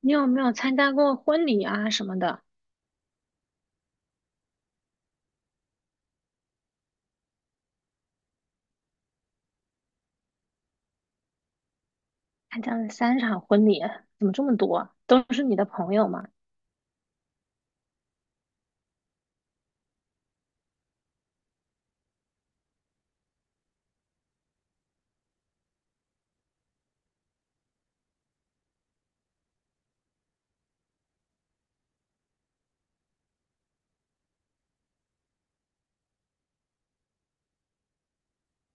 你有没有参加过婚礼啊什么的？参加了三场婚礼，怎么这么多？都是你的朋友吗？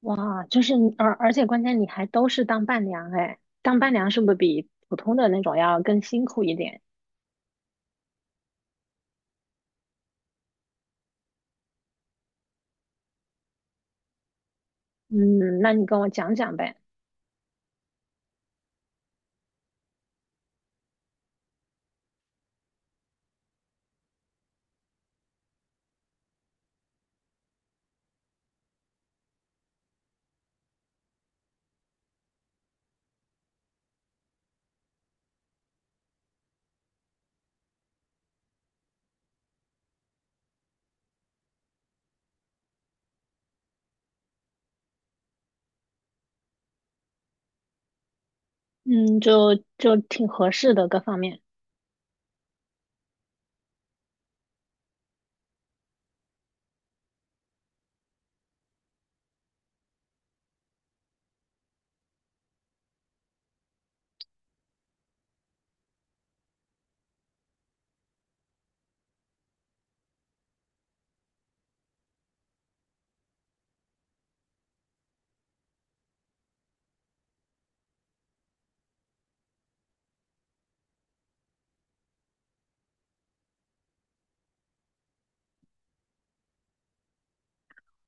哇，就是你而且关键你还都是当伴娘哎，当伴娘是不是比普通的那种要更辛苦一点？嗯，那你跟我讲讲呗。嗯，就挺合适的各方面。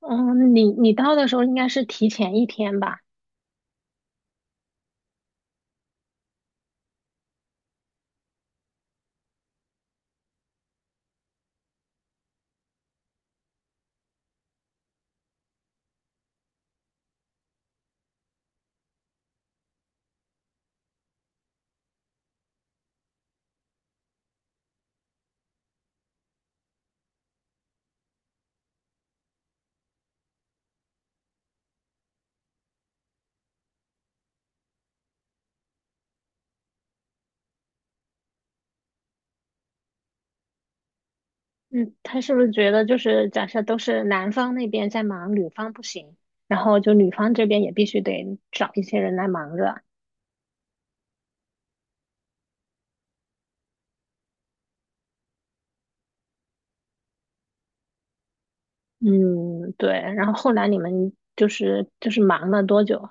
嗯，你到的时候应该是提前一天吧？嗯，他是不是觉得就是假设都是男方那边在忙，女方不行，然后就女方这边也必须得找一些人来忙着。嗯，对。然后后来你们就是忙了多久？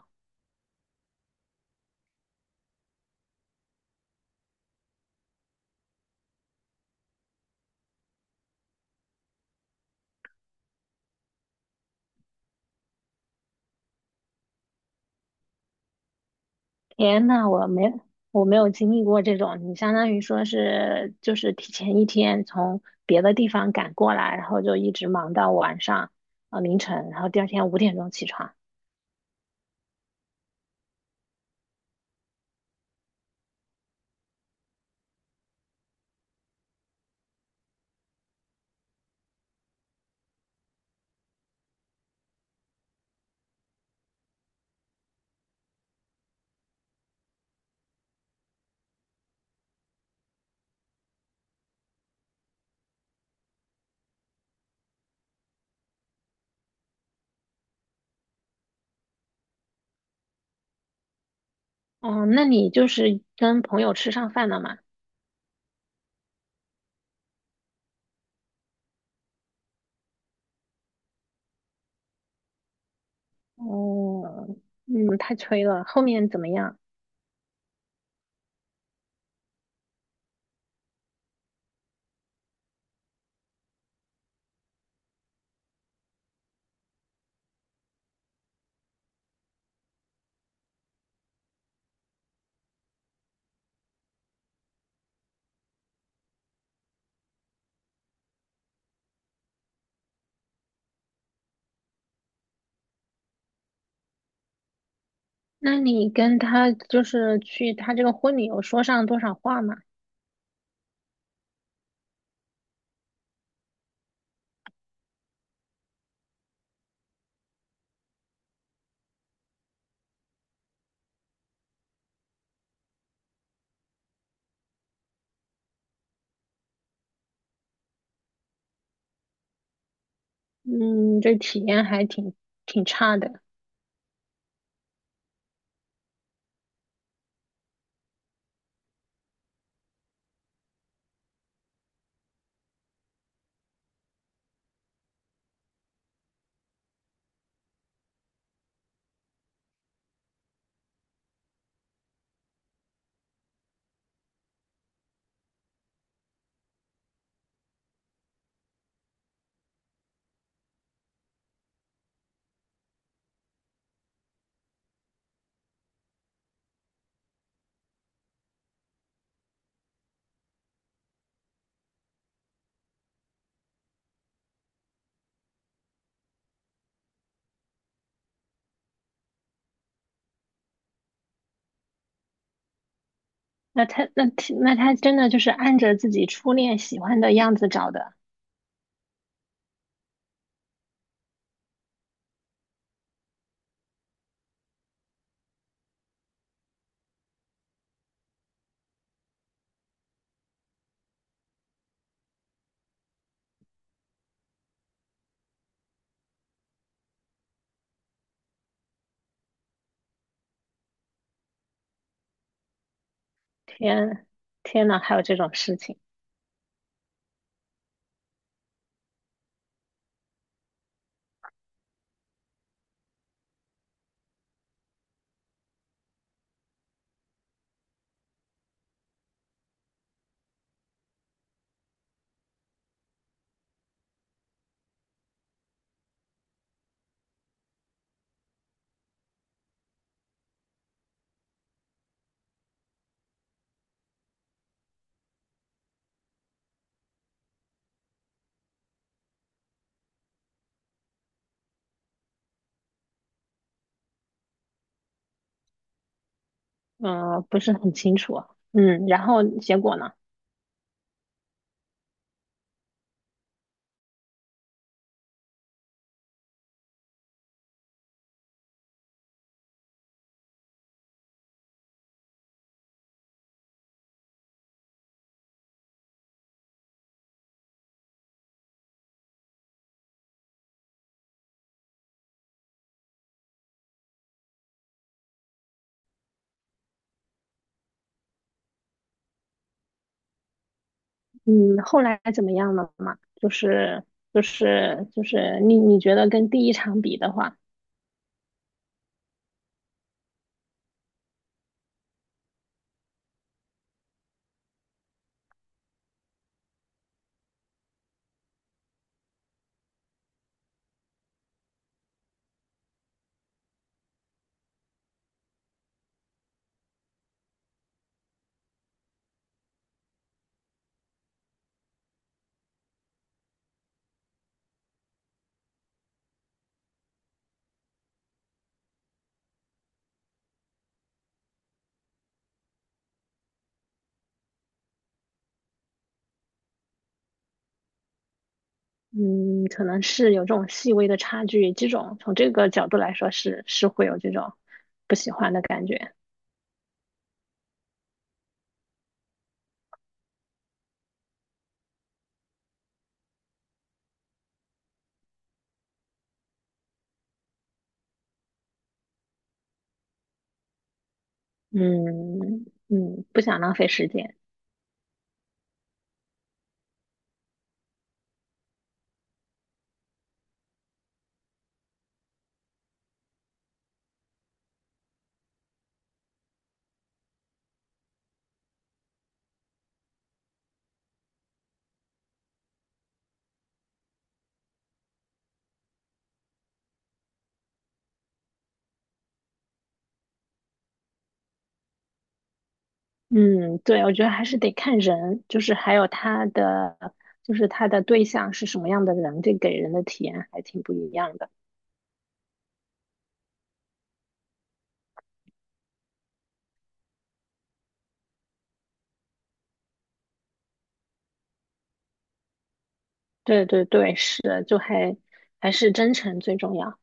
天呐，我没有经历过这种，你相当于说是就是提前一天从别的地方赶过来，然后就一直忙到晚上凌晨，然后第二天五点钟起床。哦，那你就是跟朋友吃上饭了吗？哦，嗯，太催了。后面怎么样？那你跟他就是去他这个婚礼有说上多少话吗？嗯，这体验还挺差的。那他那那他真的就是按着自己初恋喜欢的样子找的。天，天呐，还有这种事情，嗯、呃不是很清楚啊。嗯，然后结果呢？嗯，后来怎么样了嘛？就是你你觉得跟第一场比的话，嗯，可能是有这种细微的差距，这种从这个角度来说是会有这种不喜欢的感觉。嗯嗯，不想浪费时间。嗯，对，我觉得还是得看人，就是还有他的，就是他的对象是什么样的人，这给人的体验还挺不一样的。对对对，是，就还是真诚最重要。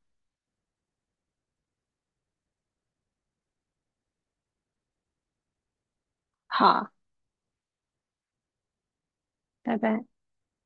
好，拜拜。